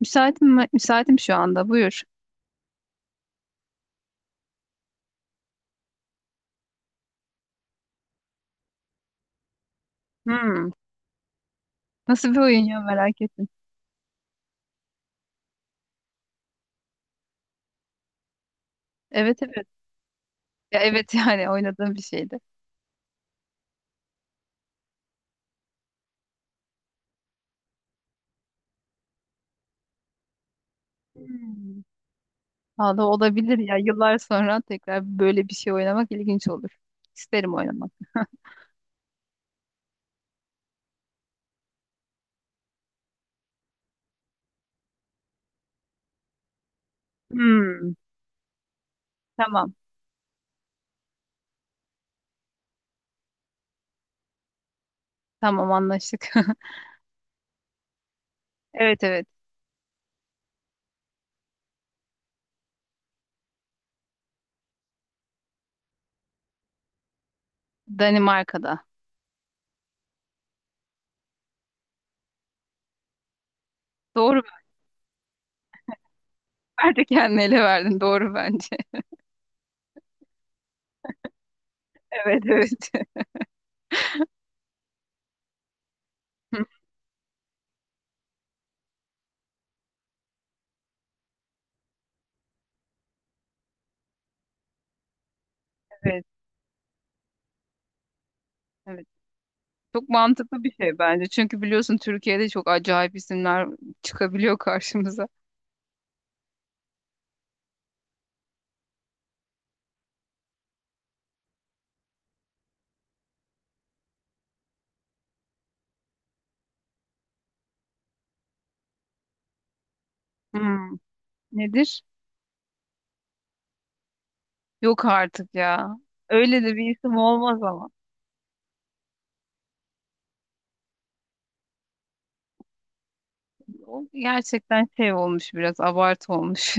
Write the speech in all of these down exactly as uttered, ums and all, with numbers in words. Müsaitim, mi- müsaitim şu anda. Buyur. Hmm. Nasıl bir oyun ya, merak ettim. Evet, evet. Ya evet, yani oynadığım bir şeydi. Hmm. Valla olabilir ya. Yıllar sonra tekrar böyle bir şey oynamak ilginç olur. İsterim oynamak. Hmm. Tamam. Tamam, anlaştık. Evet, evet. Danimarka'da. Doğru mu? Bence kendini ele verdin. Doğru bence. Evet, evet. Evet, evet. Çok mantıklı bir şey bence. Çünkü biliyorsun, Türkiye'de çok acayip isimler çıkabiliyor karşımıza. Hmm. Nedir? Yok artık ya. Öyle de bir isim olmaz ama. O gerçekten şey olmuş, biraz abartı olmuş.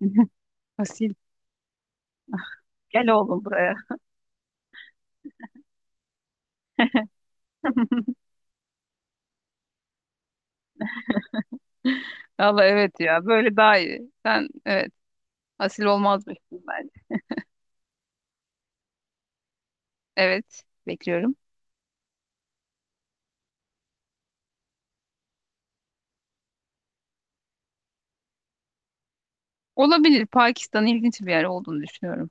Asil, gel oğlum buraya. Valla evet ya, böyle daha iyi. Sen evet, asil olmazmışsın bence. Evet, bekliyorum. Olabilir, Pakistan ilginç bir yer olduğunu düşünüyorum.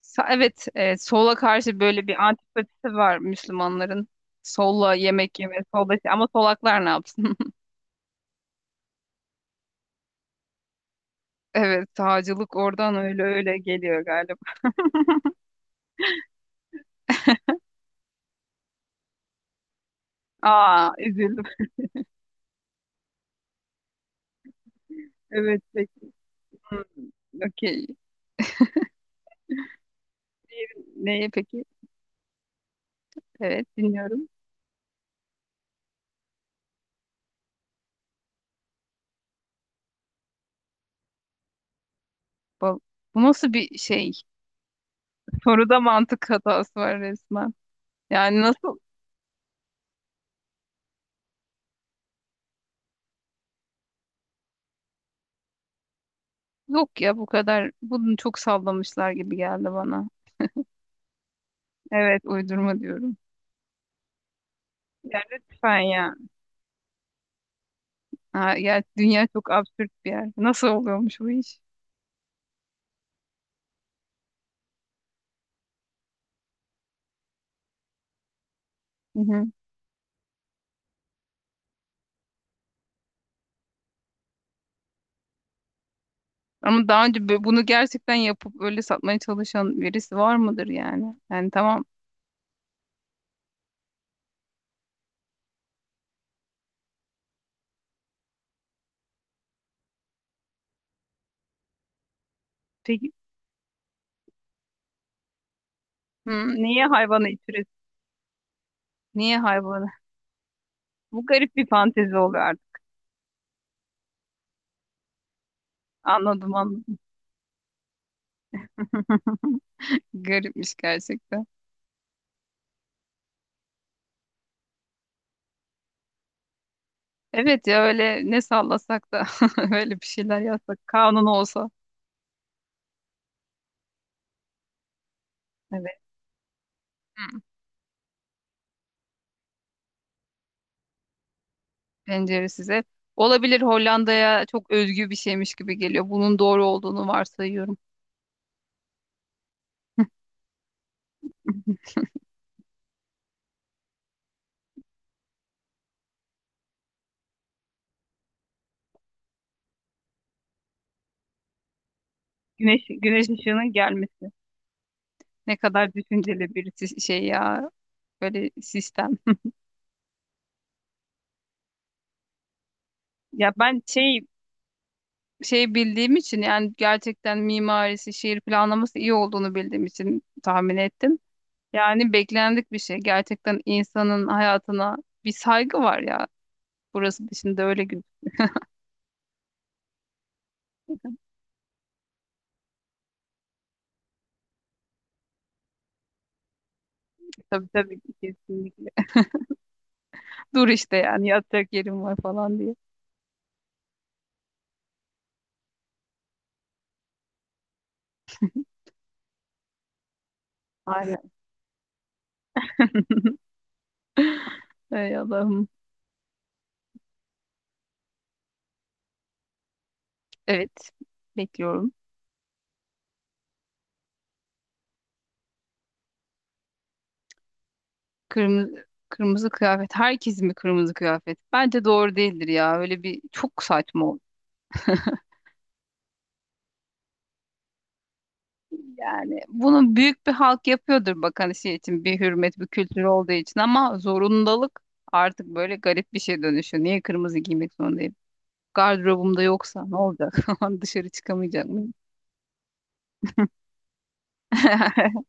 Sa- evet, e, sola karşı böyle bir antipatisi var Müslümanların. Solla yemek yeme, solda, ama solaklar ne yapsın? Evet, sağcılık oradan öyle öyle geliyor galiba. Aa, üzüldüm. Evet, peki. Hmm. Okey. Diğeri neye peki? Evet, dinliyorum. Bu, bu nasıl bir şey? Soruda mantık hatası var resmen. Yani nasıl? Yok ya, bu kadar. Bunu çok sallamışlar gibi geldi bana. Evet, uydurma diyorum. Ya lütfen ya. Ha, ya dünya çok absürt bir yer. Nasıl oluyormuş bu iş? Hı hı. Ama daha önce bö- bunu gerçekten yapıp öyle satmaya çalışan birisi var mıdır yani? Yani tamam. Peki, hı, niye hayvanı itir Niye hayvanı? Bu garip bir fantezi oluyor artık. Anladım, anladım. Garipmiş gerçekten. Evet ya, öyle ne sallasak da öyle bir şeyler yazsak kanun olsa. Evet. Hı. Penceresiz ev. Olabilir, Hollanda'ya çok özgü bir şeymiş gibi geliyor. Bunun doğru olduğunu varsayıyorum. Güneş, güneş ışığının gelmesi. Ne kadar düşünceli bir si- şey ya. Böyle sistem. Ya ben şey şey bildiğim için, yani gerçekten mimarisi, şehir planlaması iyi olduğunu bildiğim için tahmin ettim. Yani beklendik bir şey. Gerçekten insanın hayatına bir saygı var ya. Burası dışında öyle gözüküyor. Tabii, tabii ki, kesinlikle. Dur işte, yani yatacak yerim var falan diye. Aynen. Ey Allah'ım. Evet. Bekliyorum. Kırmızı kırmızı kıyafet. Herkes mi kırmızı kıyafet? Bence doğru değildir ya. Öyle bir çok saçma. Yani bunu büyük bir halk yapıyordur bak, hani şey için, bir hürmet, bir kültür olduğu için, ama zorundalık artık böyle garip bir şey dönüşüyor. Niye kırmızı giymek zorundayım? Gardırobumda yoksa ne olacak? Dışarı çıkamayacak mıyım?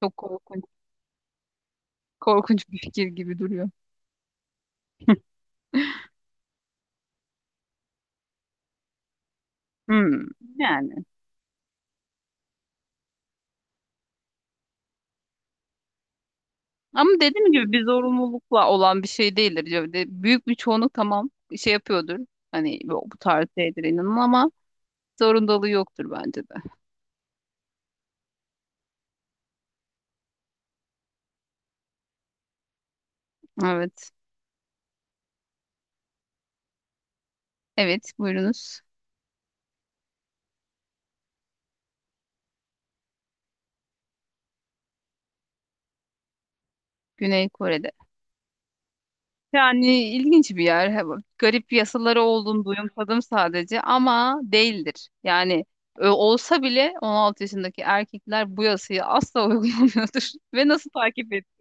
Çok korkunç, korkunç bir fikir gibi duruyor. Hmm, yani. Ama dediğim gibi, bir zorunlulukla olan bir şey değildir. Ya de- Büyük bir çoğunluk tamam şey yapıyordur. Hani bu bu tarz şeydir inanın, ama zorundalığı yoktur bence de. Evet. Evet, buyurunuz. Güney Kore'de. Yani ilginç bir yer. He- Garip yasaları olduğunu duyumsadım sadece, ama değildir. Yani e, olsa bile on altı yaşındaki erkekler bu yasayı asla uygulamıyordur. Ve nasıl takip ediyor?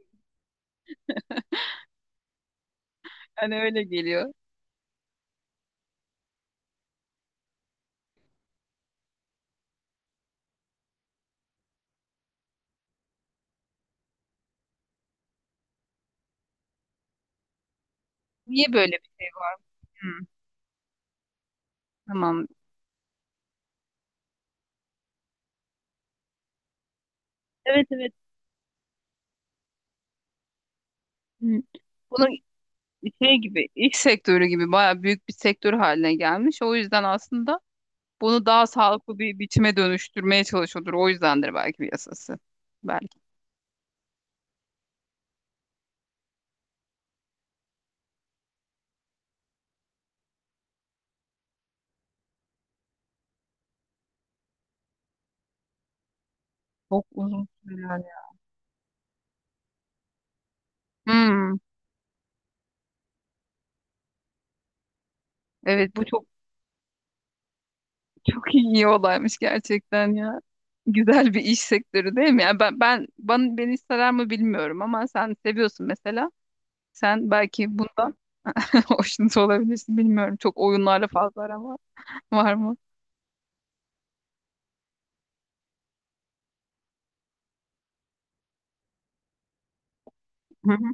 Hani öyle geliyor. Niye böyle bir şey var? Hmm, tamam. Evet, evet. Hmm. Bunun şey gibi, iş sektörü gibi bayağı büyük bir sektör haline gelmiş. O yüzden aslında bunu daha sağlıklı bir biçime dönüştürmeye çalışıyordur. O yüzdendir belki bir yasası. Belki. Çok uzun süreler. Hmm, evet, bu çok çok iyi olaymış gerçekten ya. Güzel bir iş sektörü değil mi? Yani ben ben bana beni sarar mı bilmiyorum, ama sen seviyorsun mesela. Sen belki bundan hoşnut olabilirsin, bilmiyorum. Çok oyunlarla fazla aram var, var mı? Hı hı.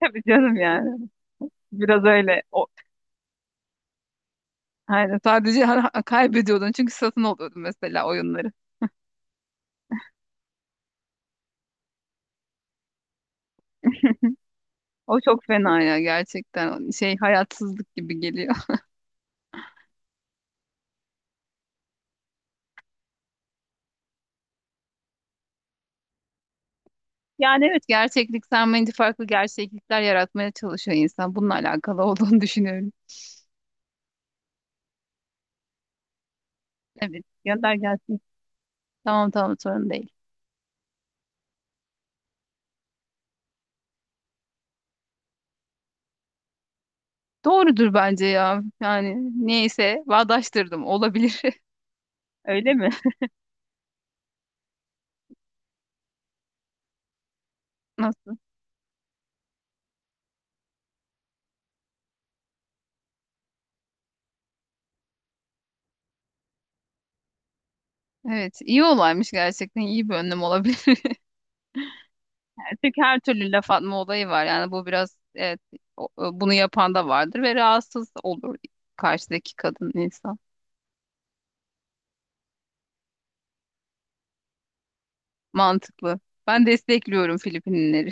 Tabii canım, yani. Biraz öyle. O, yani sadece ha- ha- kaybediyordun, çünkü satın alıyordun mesela oyunları. O çok fena ya, gerçekten. Şey, hayatsızlık gibi geliyor. Yani evet, gerçeklik sanmayınca farklı gerçeklikler yaratmaya çalışıyor insan. Bununla alakalı olduğunu düşünüyorum. Evet, gönder gelsin. Tamam, tamam, sorun değil. Doğrudur bence ya. Yani neyse, bağdaştırdım, olabilir. Öyle mi? Nasıl? Evet, iyi olaymış gerçekten, iyi bir önlem olabilir. Çünkü her türlü laf atma olayı var. Yani bu biraz evet, o- o- bunu yapan da vardır ve rahatsız olur karşıdaki kadın insan. Mantıklı. Ben destekliyorum Filipinleri.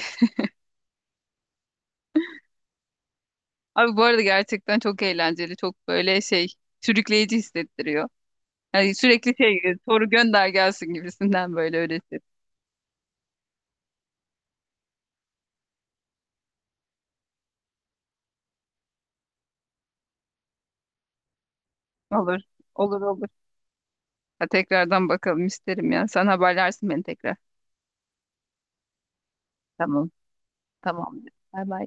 Abi bu arada gerçekten çok eğlenceli, çok böyle şey, sürükleyici hissettiriyor. Yani sürekli şey, e, soru gönder gelsin gibisinden, böyle öyle hisset. Olur, olur, olur. Ha, tekrardan bakalım, isterim ya. Sen haberlersin beni tekrar. Tamam, tamamdır. Bay bay.